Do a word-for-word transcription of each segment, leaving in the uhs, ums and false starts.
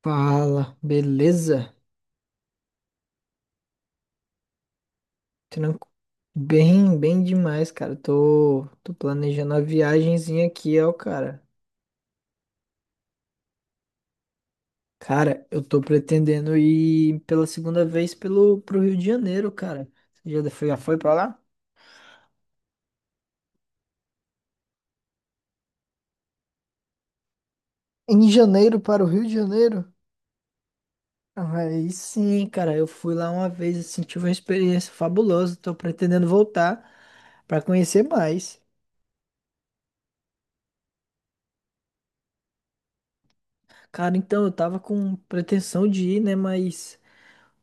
Fala, beleza? Tranqu... Bem, bem demais, cara. Tô, tô planejando uma viagemzinha aqui, ó, cara. Cara, eu tô pretendendo ir pela segunda vez pelo, pro Rio de Janeiro, cara. Você já foi, já foi pra lá? Em janeiro para o Rio de Janeiro? Aí sim, cara. Eu fui lá uma vez, assim, tive uma experiência fabulosa. Tô pretendendo voltar pra conhecer mais. Cara, então eu tava com pretensão de ir, né? Mas.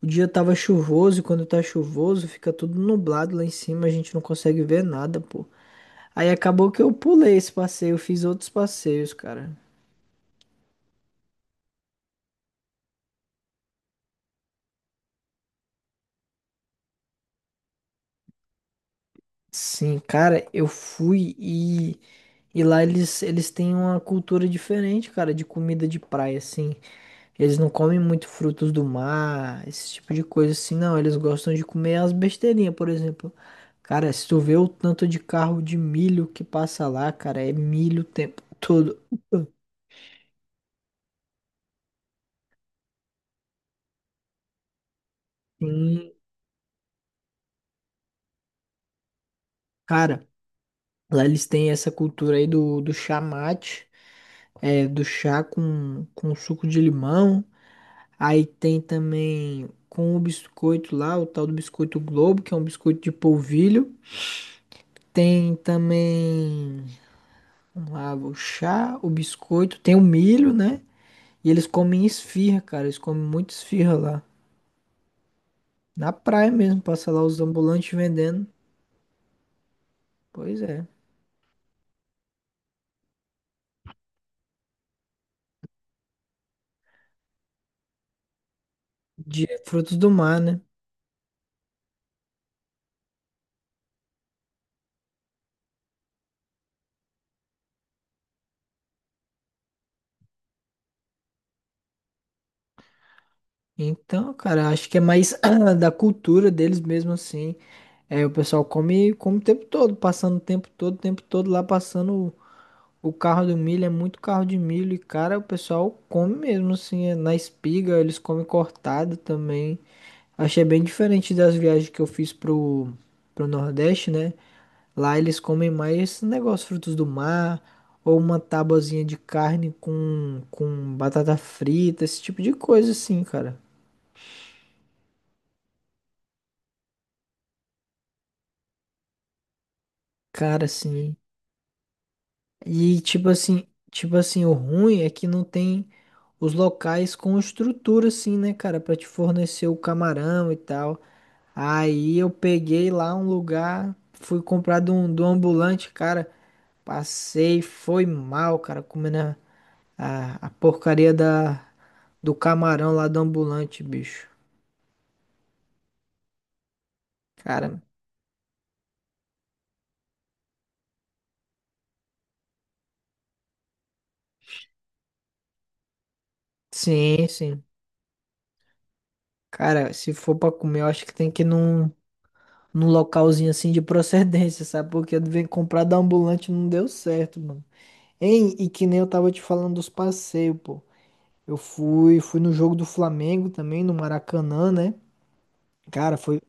O dia tava chuvoso e quando tá chuvoso fica tudo nublado lá em cima, a gente não consegue ver nada, pô. Aí acabou que eu pulei esse passeio, eu fiz outros passeios, cara. Sim, cara, eu fui e e lá eles eles têm uma cultura diferente, cara, de comida de praia assim. Eles não comem muito frutos do mar, esse tipo de coisa assim, não, eles gostam de comer as besteirinhas, por exemplo. Cara, se tu vê o tanto de carro de milho que passa lá, cara, é milho o tempo todo. Sim, cara, lá eles têm essa cultura aí do, do chá mate, é, do chá com, com suco de limão. Aí tem também com o biscoito lá, o tal do biscoito Globo, que é um biscoito de polvilho. Tem também, vamos lá, o chá, o biscoito, tem o milho, né? E eles comem esfirra, cara, eles comem muito esfirra lá. Na praia mesmo, passa lá os ambulantes vendendo. Pois é, de frutos do mar, né? Então, cara, acho que é mais da cultura deles mesmo assim. É, o pessoal come, come o tempo todo, passando o tempo todo, o tempo todo lá passando o, o carro do milho, é muito carro de milho. E, cara, o pessoal come mesmo assim, é, na espiga, eles comem cortado também. Achei bem diferente das viagens que eu fiz pro, pro Nordeste, né? Lá eles comem mais esse negócio, frutos do mar, ou uma tabuazinha de carne com, com batata frita, esse tipo de coisa assim, cara. Cara, assim. E tipo assim, tipo assim, o ruim é que não tem os locais com estrutura assim, né, cara, pra te fornecer o camarão e tal. Aí eu peguei lá um lugar, fui comprar de um, de um ambulante, cara, passei, foi mal, cara, comendo a, a, a porcaria da, do camarão lá do ambulante, bicho. Cara, sim, sim. Cara, se for pra comer, eu acho que tem que ir num num localzinho assim de procedência, sabe? Porque eu devia comprar da ambulante e não deu certo, mano. Hein? E que nem eu tava te falando dos passeios, pô. Eu fui, fui no jogo do Flamengo também, no Maracanã, né? Cara, foi.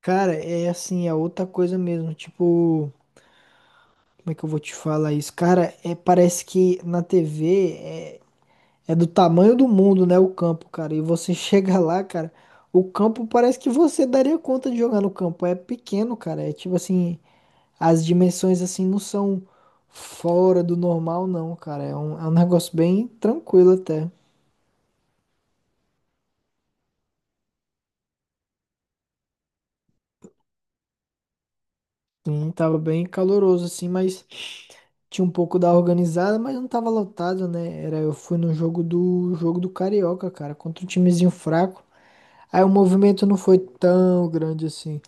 Cara, é assim, é outra coisa mesmo. Tipo, como é que eu vou te falar isso? Cara, é, parece que na T V é, é do tamanho do mundo, né? O campo, cara. E você chega lá, cara. O campo parece que você daria conta de jogar no campo. É pequeno, cara. É tipo assim. As dimensões, assim, não são fora do normal, não, cara. É um, é um negócio bem tranquilo até. Sim, tava bem caloroso, assim, mas tinha um pouco da organizada, mas não tava lotado, né? Era, eu fui no jogo do jogo do Carioca, cara, contra um timezinho fraco. Aí o movimento não foi tão grande assim.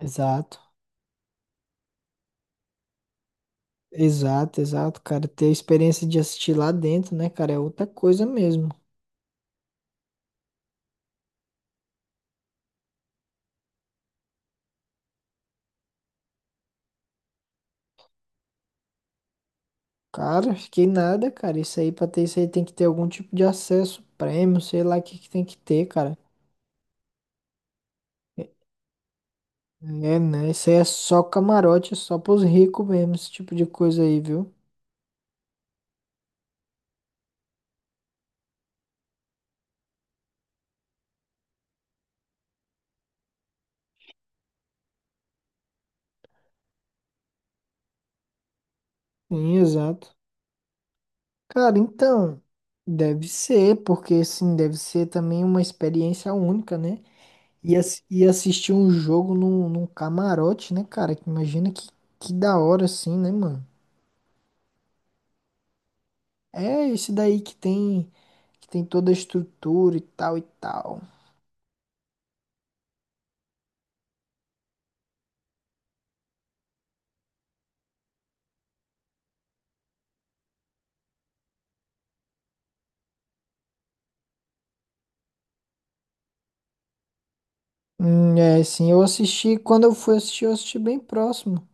Exato. Exato, exato, cara. Ter a experiência de assistir lá dentro, né, cara, é outra coisa mesmo. Cara, fiquei nada, cara. Isso aí, pra ter isso aí, tem que ter algum tipo de acesso, prêmio, sei lá o que que tem que ter, cara. É, é, né? Isso aí é só camarote, é só pros ricos mesmo, esse tipo de coisa aí, viu? Sim, exato. Cara, então, deve ser, porque assim, deve ser também uma experiência única, né? E, ass- e assistir um jogo num, num camarote, né, cara? Que imagina que, que da hora, assim, né, mano? É esse daí que tem, que tem toda a estrutura e tal e tal. Hum, é, sim, eu assisti, quando eu fui assistir, eu assisti bem próximo.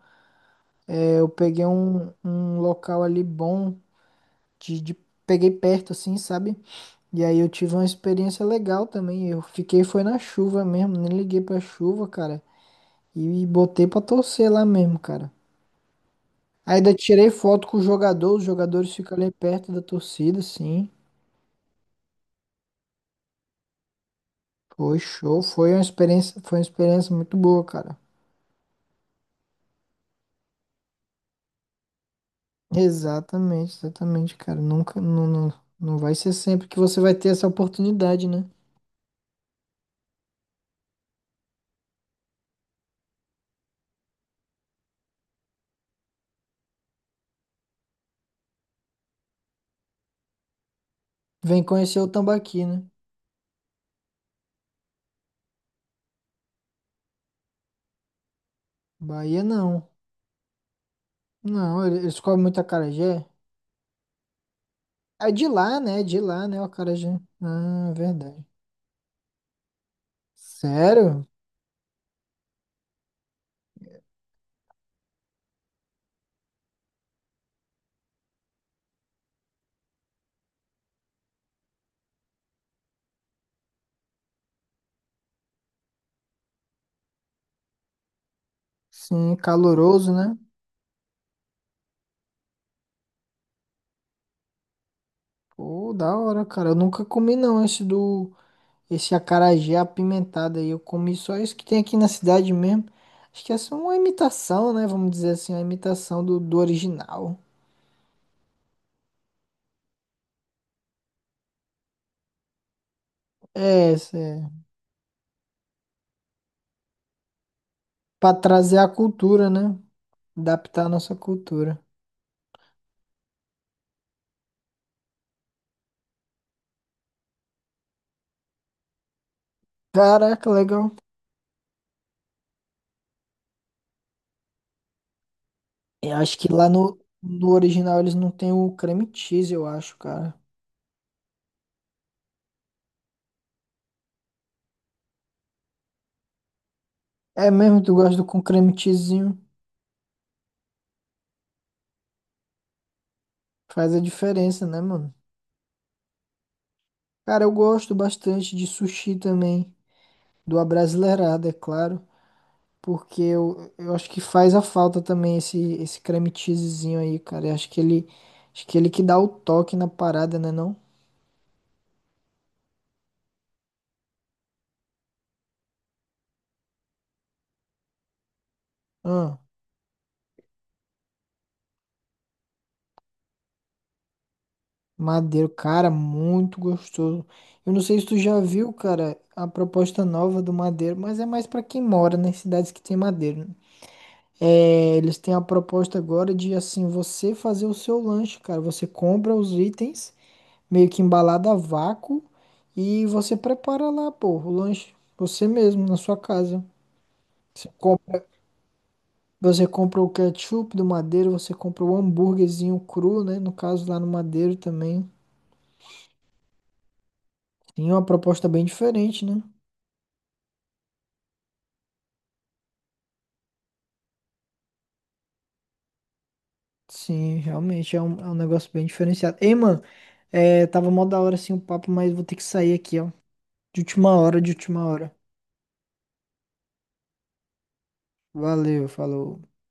É, eu peguei um, um local ali bom, de, de- peguei perto assim, sabe? E aí eu tive uma experiência legal também. Eu fiquei, foi na chuva mesmo, nem liguei pra chuva, cara. E botei pra torcer lá mesmo, cara. Ainda tirei foto com o jogador, os jogadores ficam ali perto da torcida, sim. Foi show, foi uma experiência, foi uma experiência muito boa, cara. Exatamente, exatamente, cara. Nunca, não, não, não vai ser sempre que você vai ter essa oportunidade, né? Vem conhecer o Tambaqui, né? Bahia não. Não, ele- eles comem muito acarajé. É de lá, né? É de lá, né? O acarajé. Ah, é verdade. Sério? Sim, caloroso, né? Pô, da hora, cara. Eu nunca comi não esse do esse acarajé apimentado aí. Eu comi só isso que tem aqui na cidade mesmo. Acho que essa é uma imitação, né? Vamos dizer assim, uma imitação do, do original. É, isso é para trazer a cultura, né? Adaptar a nossa cultura. Caraca, legal. Eu acho que lá no, no original eles não tem o creme cheese, eu acho, cara. É mesmo, tu gosta do com creme cheesinho? Faz a diferença, né, mano? Cara, eu gosto bastante de sushi também, do abrasileirado, é claro, porque eu, eu acho que faz a falta também esse, esse creme cheesezinho aí, cara. Eu acho que ele, acho que ele que dá o toque na parada, né, não? Madeiro, cara, muito gostoso. Eu não sei se tu já viu, cara, a proposta nova do Madeiro, mas é mais pra quem mora nas cidades que tem Madeiro, né? É, eles têm a proposta agora de, assim, você fazer o seu lanche, cara. Você compra os itens, meio que embalado a vácuo, e você prepara lá, pô, o lanche, você mesmo, na sua casa. Você compra, você compra o ketchup do Madeiro, você compra o hambúrguerzinho cru, né? No caso, lá no Madeiro também. Tem uma proposta bem diferente, né? Sim, realmente é um, é um negócio bem diferenciado. Ei, mano, é, tava mó da hora assim o papo, mas vou ter que sair aqui, ó. De última hora, de última hora. Valeu, falou.